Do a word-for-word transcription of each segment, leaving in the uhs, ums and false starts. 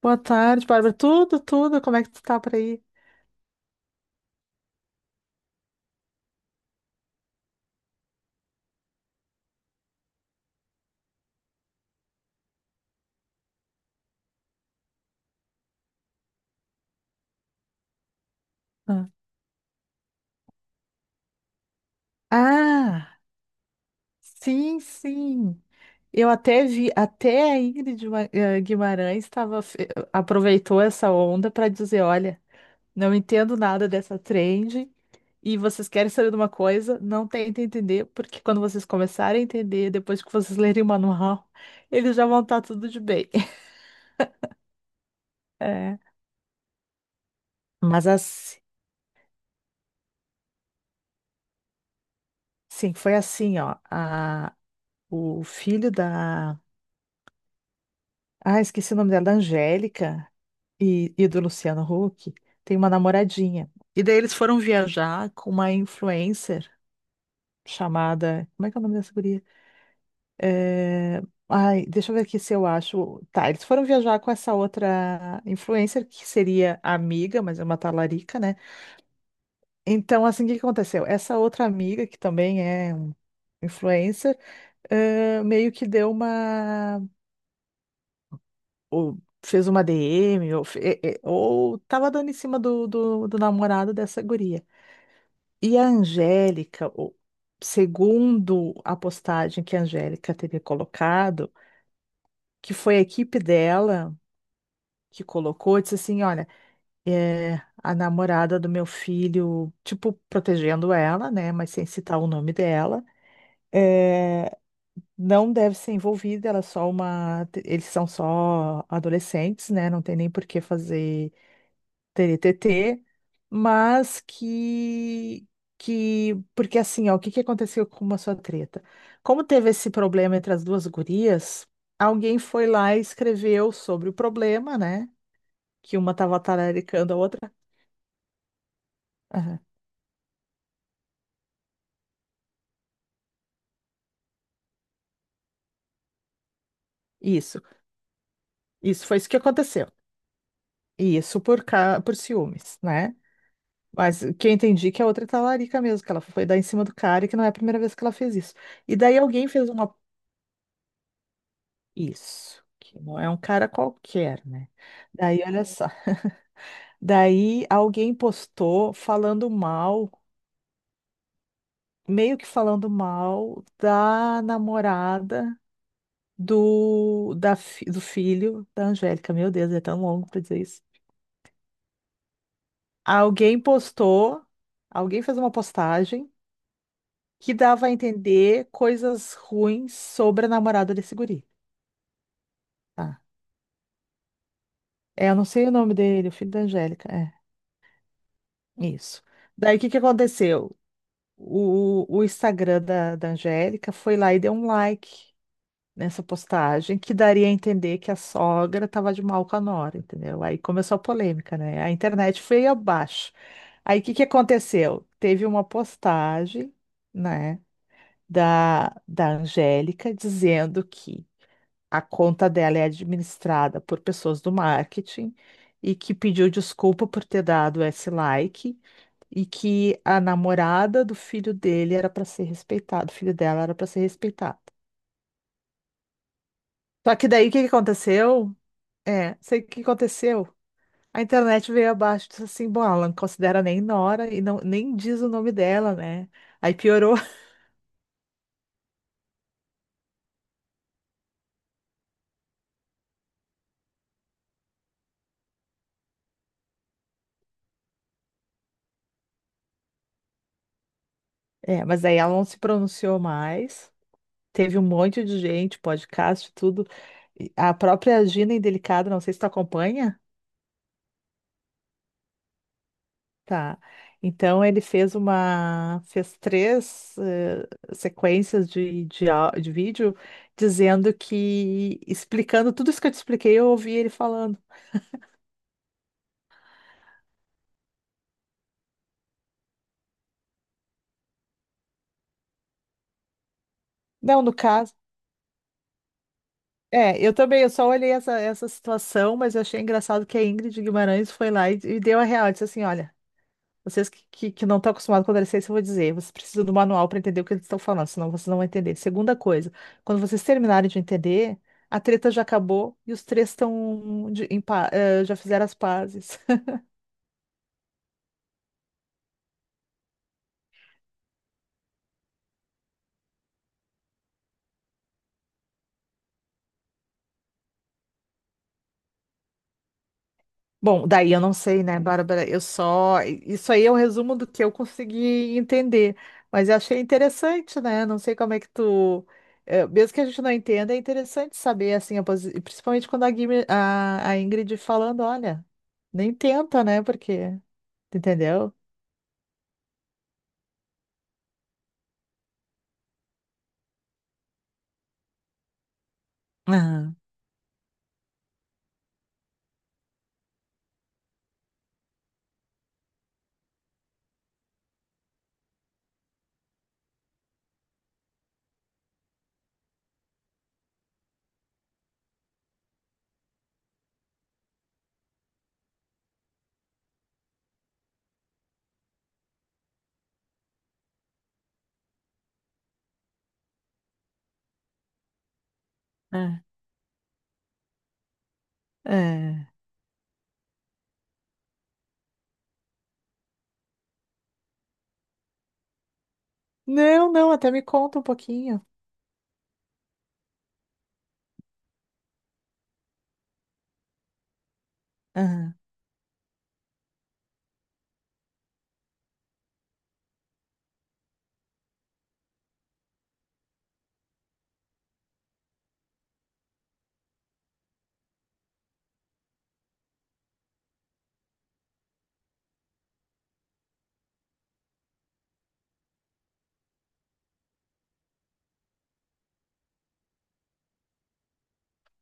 Boa tarde, Bárbara. Tudo, tudo. Como é que tu tá por aí? Ah, Ah, sim, sim. Eu até vi, até a Ingrid Gua- eh, Guimarães estava, aproveitou essa onda para dizer, olha, não entendo nada dessa trend e vocês querem saber de uma coisa, não tentem entender, porque quando vocês começarem a entender, depois que vocês lerem o manual, eles já vão estar tudo de bem. É. Mas assim, sim, foi assim, ó. A, o filho da, ah, esqueci o nome dela, da Angélica e, e do Luciano Huck. Tem uma namoradinha. E daí eles foram viajar com uma influencer chamada. Como é que é o nome dessa guria? É, Ai, deixa eu ver aqui se eu acho. Tá, eles foram viajar com essa outra influencer, que seria amiga, mas é uma talarica, né? Então, assim, o que que aconteceu? Essa outra amiga, que também é um influencer, eh, meio que deu uma, ou fez uma D M, ou, fe- é, é, ou tava dando em cima do, do, do namorado dessa guria. E a Angélica, o- segundo a postagem que a Angélica teria colocado, que foi a equipe dela que colocou, disse assim, olha, é, a namorada do meu filho, tipo, protegendo ela, né, mas sem citar o nome dela, é, não deve ser envolvida, ela é só uma, eles são só adolescentes, né, não tem nem por que fazer T N T T, mas que, que porque assim, ó, o que que aconteceu com uma sua treta? Como teve esse problema entre as duas gurias, alguém foi lá e escreveu sobre o problema, né? Que uma tava talaricando a outra. Aham. Isso, isso foi isso que aconteceu. E isso por ca... por ciúmes, né? Mas o que eu entendi que a outra é talarica mesmo, que ela foi dar em cima do cara e que não é a primeira vez que ela fez isso. E daí alguém fez uma, isso, que não é um cara qualquer, né? Daí, olha só. Daí alguém postou falando mal, meio que falando mal da namorada do, da, fi- do filho da Angélica. Meu Deus, é tão longo pra dizer isso. Alguém postou, alguém fez uma postagem que dava a entender coisas ruins sobre a namorada desse guri. Tá? É, eu não sei o nome dele, o filho da Angélica. É, isso. Daí o que que aconteceu? O o Instagram da, da Angélica foi lá e deu um like nessa postagem, que daria a entender que a sogra estava de mal com a nora, entendeu? Aí começou a polêmica, né? A internet foi abaixo. Aí o que que aconteceu? Teve uma postagem, né, da, da Angélica dizendo que a conta dela é administrada por pessoas do marketing e que pediu desculpa por ter dado esse like e que a namorada do filho dele era para ser respeitada, o filho dela era para ser respeitado. Só que daí o que que aconteceu? É, sei o que aconteceu. A internet veio abaixo e disse assim, bom, ela não considera nem nora e não, nem diz o nome dela, né? Aí piorou. É, mas aí ela não se pronunciou mais. Teve um monte de gente, podcast, tudo. E a própria Gina Indelicada, não sei se tu acompanha. Tá. Então ele fez uma, fez três eh, sequências de, de, au- de vídeo dizendo que, explicando tudo isso que eu te expliquei, eu ouvi ele falando. Não, no caso, é, eu também, eu só olhei essa, essa situação, mas eu achei engraçado que a Ingrid Guimarães foi lá e, e deu a real, disse assim, olha, vocês que, que, que não estão acostumados com adolescência, eu vou dizer, vocês precisam do manual para entender o que eles estão falando, senão vocês não vão entender. Segunda coisa, quando vocês terminarem de entender, a treta já acabou e os três estão de- em pa- eh, já fizeram as pazes. Bom, daí eu não sei, né, Bárbara? Eu só. Isso aí é um resumo do que eu consegui entender. Mas eu achei interessante, né? Não sei como é que tu. eh, Mesmo que a gente não entenda, é interessante saber, assim, a posi- principalmente quando a, Guime- a a Ingrid falando, olha, nem tenta, né? Porque. Tu entendeu? Aham, é. É. Não, não, até me conta um pouquinho. Aham.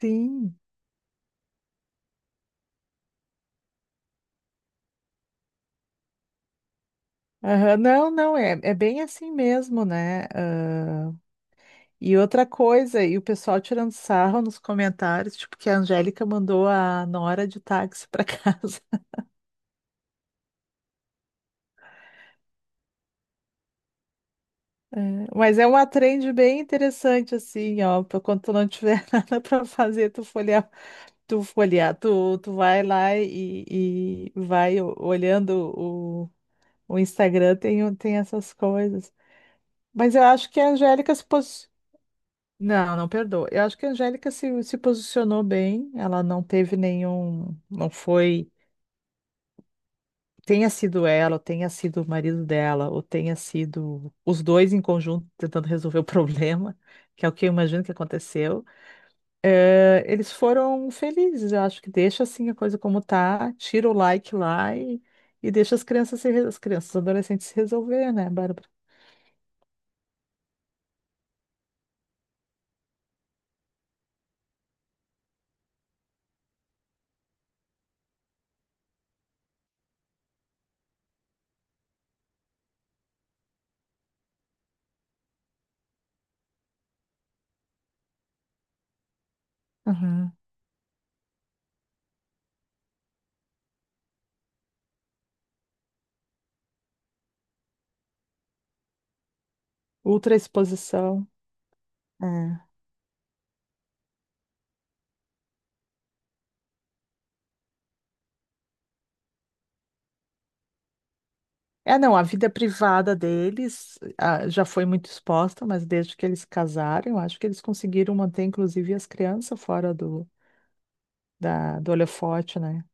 Sim. Aham, não, não, é, é bem assim mesmo, né? Ah, e outra coisa, e o pessoal tirando sarro nos comentários, tipo, que a Angélica mandou a nora de táxi para casa. É, mas é uma trend bem interessante, assim, ó, pra quando tu não tiver nada para fazer, tu folhear, tu folhear, tu, tu vai lá e, e vai o- olhando. O Instagram tem, o- tem essas coisas. Mas eu acho que a Angélica se pos... Não, não perdoa. Eu acho que a Angélica se, se posicionou bem. Ela não teve nenhum. Não foi. Tenha sido ela, ou tenha sido o marido dela, ou tenha sido os dois em conjunto tentando resolver o problema, que é o que eu imagino que aconteceu. Eh, eles foram felizes. Eu acho que deixa assim a coisa como tá, tira o like lá e, e deixa as crianças, se, re- as crianças, os adolescentes se resolver, né, Bárbara? Ultra exposição. É. É, não, a vida privada deles, ah, já foi muito exposta, mas desde que eles casaram, eu acho que eles conseguiram manter, inclusive, as crianças fora do, da, do holofote, né?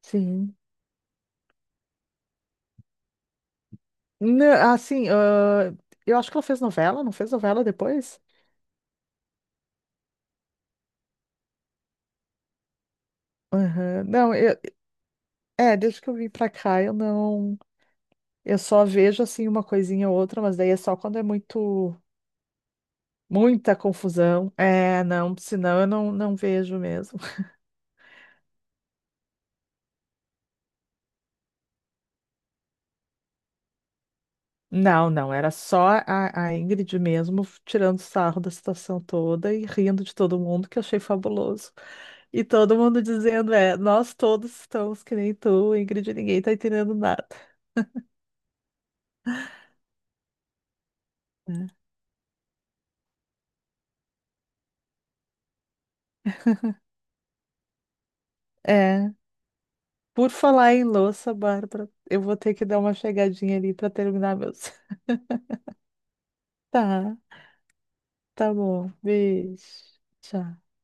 Sim. Nã- assim, ah, eu acho que ela fez novela, não fez novela depois? Aham. Não, eu- é, desde que eu vim pra cá, eu não. Eu só vejo, assim, uma coisinha ou outra, mas daí é só quando é muito. Muita confusão. É, não, senão eu não, não vejo mesmo. Não, não, era só a, a Ingrid mesmo tirando sarro da situação toda e rindo de todo mundo, que eu achei fabuloso. E todo mundo dizendo, é, nós todos estamos que nem tu, Ingrid, ninguém tá entendendo nada. Né? É, por falar em louça, Bárbara, eu vou ter que dar uma chegadinha ali para terminar meus. Tá, tá bom, beijo, tchau.